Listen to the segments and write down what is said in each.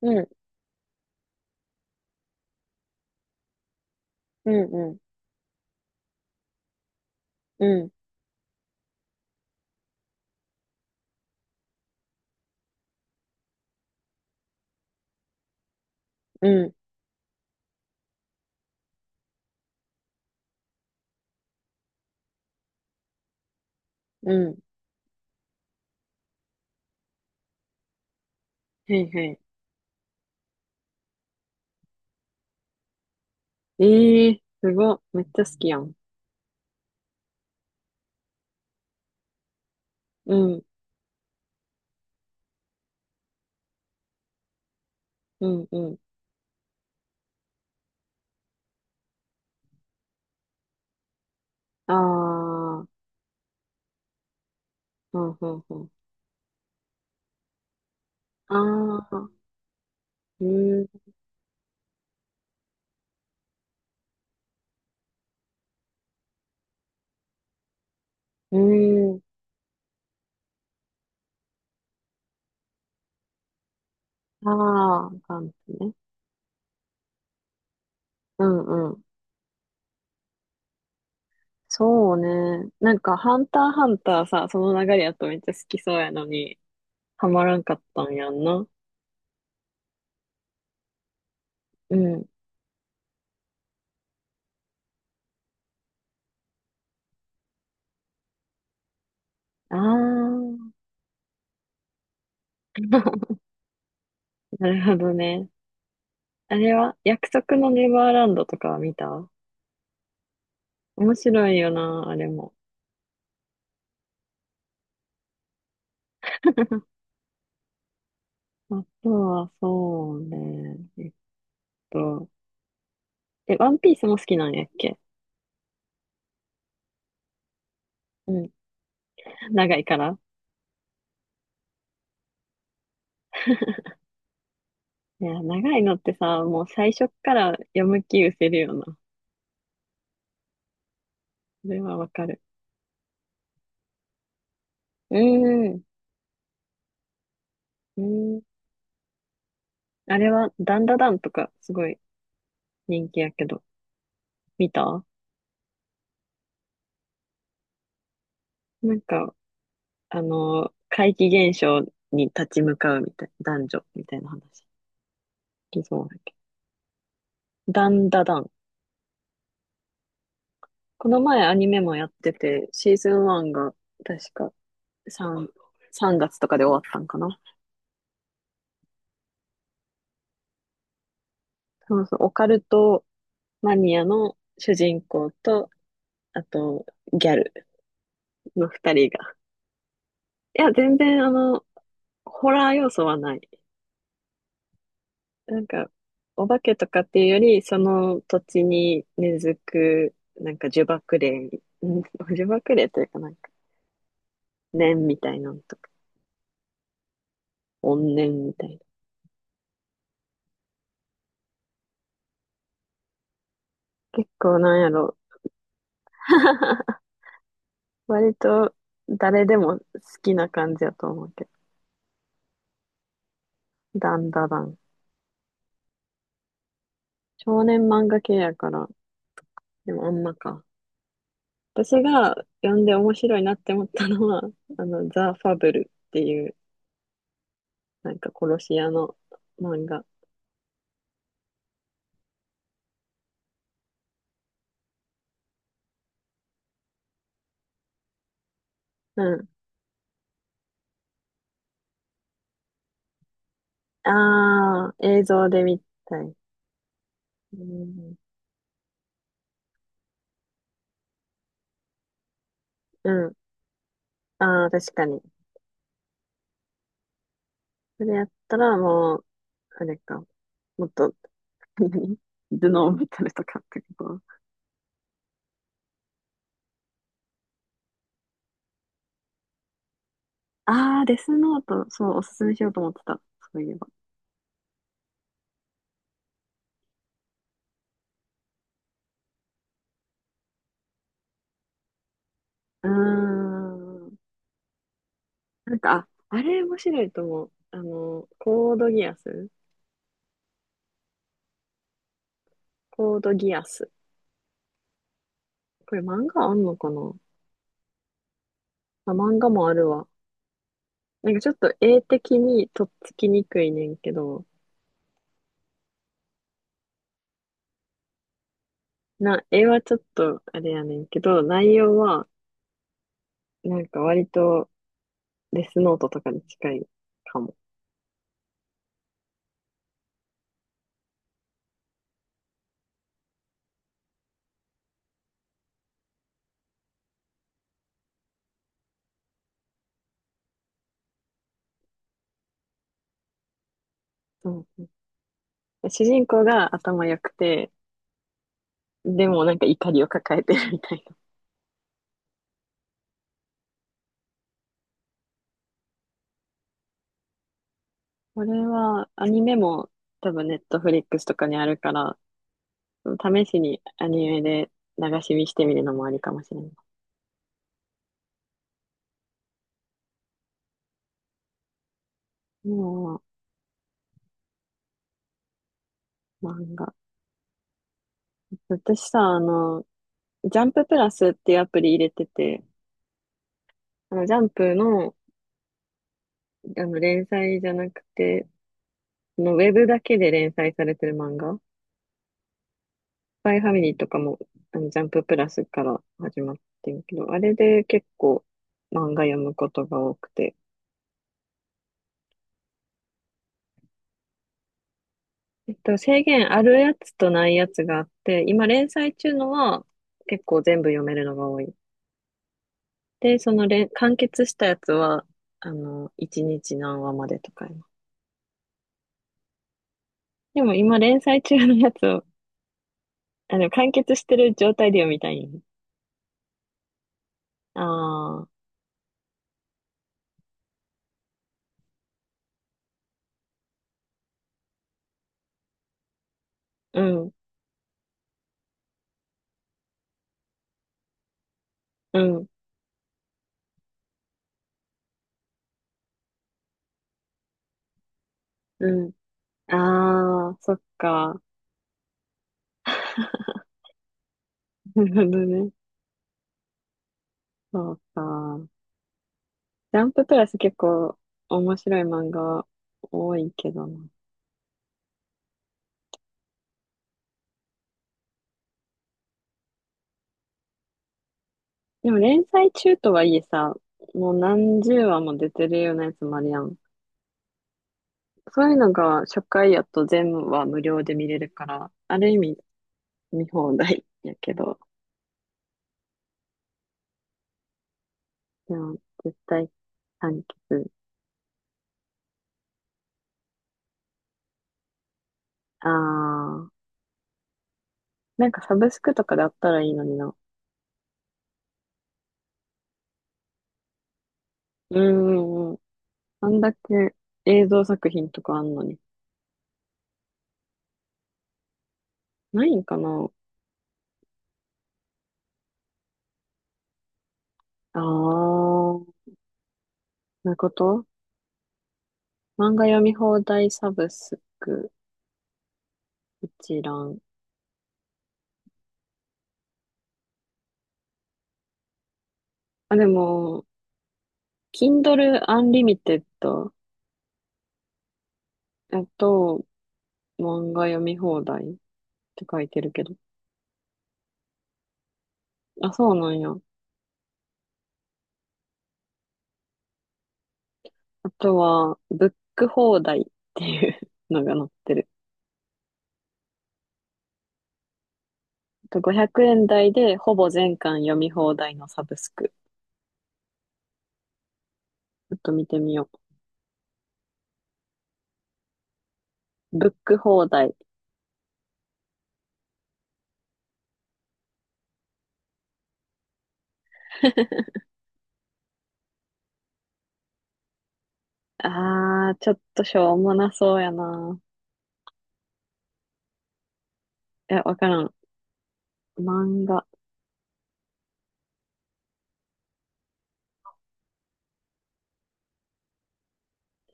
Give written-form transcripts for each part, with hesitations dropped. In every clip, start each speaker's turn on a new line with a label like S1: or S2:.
S1: うん、うん、うん、うん、うん、うん。はいはい。ええー、すごっ。めっちゃ好きやん。うん、うん、うん。ああ、うん、うん、うん。ああ、うん、うん。ああ、感じね。うん、うん。そうね。なんか、ハンターハンターさ、その流れやとめっちゃ好きそうやのに、ハマらんかったんやんな。うん。ああ、なるほどね。あれは、約束のネバーランドとかは見た？面白いよな、あれも。あとは、そうね。と、ワンピースも好きなんやっけ？うん。長いから。いや、長いのってさ、もう最初っから読む気失せるよな。それはわかる。うーん。うん。あれは、ダンダダンとか、すごい人気やけど、見た？なんか、あの、怪奇現象に立ち向かうみたいな、男女みたいな話。聞きそうだけど。ダンダダン。この前アニメもやってて、シーズン1が、確か3、3月とかで終わったんかな。そうそう、オカルトマニアの主人公と、あと、ギャルの二人が。いや、全然、あの、ホラー要素はない。なんか、お化けとかっていうより、その土地に根付く、なんか呪縛霊、うん呪縛霊というかなんか、念みたいなのとか、怨念みたいな。結構なんやろ、割と誰でも好きな感じやと思うけど。ダンダダン。少年漫画系やから、でもあんまか。私が読んで面白いなって思ったのは、あの、ザ・ファブルっていう、なんか殺し屋の漫画。うん。ああ、映像で見たい。うん。うん。ああ、確かに。それやったらもう、あれか。もっと、何頭脳メタルとかってこと？ああー、デスノート、そう、おすすめしようと思ってた。そういえば。うーん。なんか、ああれ面白いと思う。あの、コードギアス。コードギアス。これ漫画あんのかな？あ、漫画もあるわ。なんかちょっと絵的にとっつきにくいねんけど、な、絵はちょっとあれやねんけど、内容はなんか割とデスノートとかに近いかも。そう、主人公が頭良くて、でもなんか怒りを抱えてるみたいな。これはアニメも多分ネットフリックスとかにあるから、試しにアニメで流し見してみるのもありかもしれない。もう漫画。私さ、あの、ジャンププラスっていうアプリ入れてて、あの、ジャンプの、あの連載じゃなくて、そのウェブだけで連載されてる漫画、パイファミリーとかも、あの、ジャンププラスから始まってるけど、あれで結構漫画読むことが多くて。制限あるやつとないやつがあって、今連載中のは結構全部読めるのが多い。で、その連、完結したやつは、あの、1日何話までとかやな。でも今連載中のやつを、あの、完結してる状態で読みたいんよね。ああ、うん、うん、うん。ああ、そっか。なるほどね。そうか。ジャンププラス結構面白い漫画多いけどな。でも連載中とはいえさ、もう何十話も出てるようなやつもあるやん。そういうのが初回やと全話無料で見れるから、ある意味見放題やけど、でも絶対完結。あー、なんかサブスクとかであったらいいのにな。うんうんうん。あんだけ映像作品とかあんのに。ないんかな？あー、そういうこと？漫画読み放題サブスク一覧。あ、でも、Kindle Unlimited、 えっと、漫画読み放題って書いてるけど。あ、そうなんや。あとは、ブック放題っていうのが載ってる。あと500円台でほぼ全巻読み放題のサブスク。ちょっと見てみよう。ブック放題。あー、ちょっとしょうもなそうやな。いや、わからん。漫画。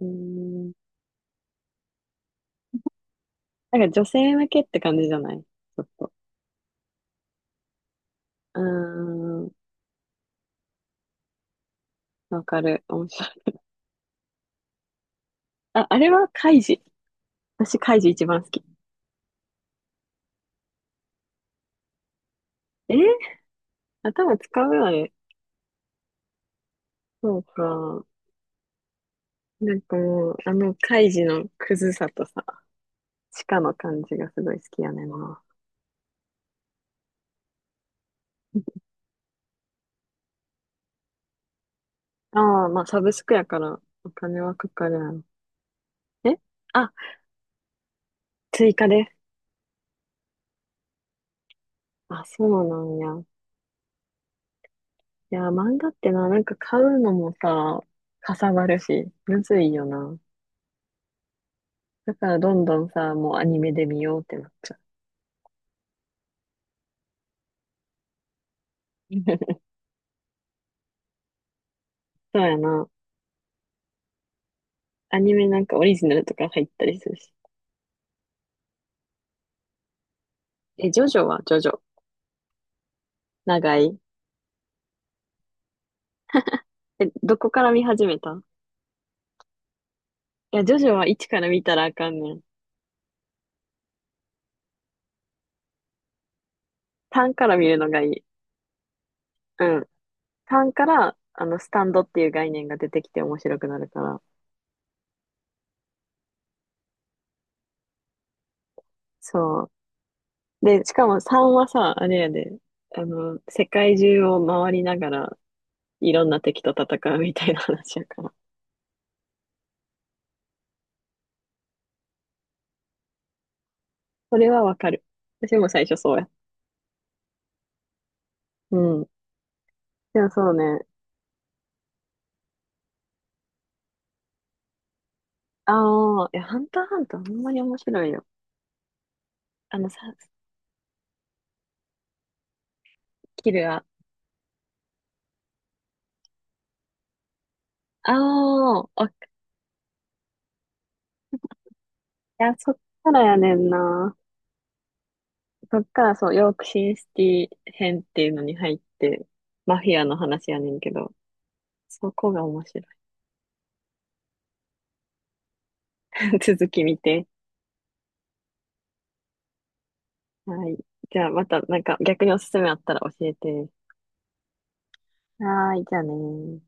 S1: うーん、なんか女性向けって感じじゃないちょっと。うーん。わかる。面白い。あ、あれはカイジ。私カイジ一番好き。えー頭使うよね。そうか。なんかもう、あのカイジのクズさとさ、地下の感じがすごい好きやねんな。ああ、まあサブスクやからお金はかかるやろ。え、あ、追加で。あ、そうなんや。いや、漫画ってな、なんか買うのもさ、かさばるし、むずいよな。だからどんどんさ、もうアニメで見ようってなっちゃう。そうやな。アニメなんかオリジナルとか入ったりするし。え、ジョジョはジョジョ。長い。え、どこから見始めた？いや、ジョジョは1から見たらあかんねん。3から見るのがいい。うん。3から、あの、スタンドっていう概念が出てきて面白くなるから。そう。で、しかも3はさ、あれやで、あの、世界中を回りながら、いろんな敵と戦うみたいな話やから。それはわかる。私も最初そうや。うん。でもそうね。ああ、いや、ハンターハンターほんまに面白いよ。あのさ、キルが。ああ、おい、や、そっからやねんな。そっからそう、ヨークシンシティ編っていうのに入って、マフィアの話やねんけど、そこが面白い。続き見て。はい。じゃあまたなんか逆におすすめあったら教えて。はーい、じゃあねー。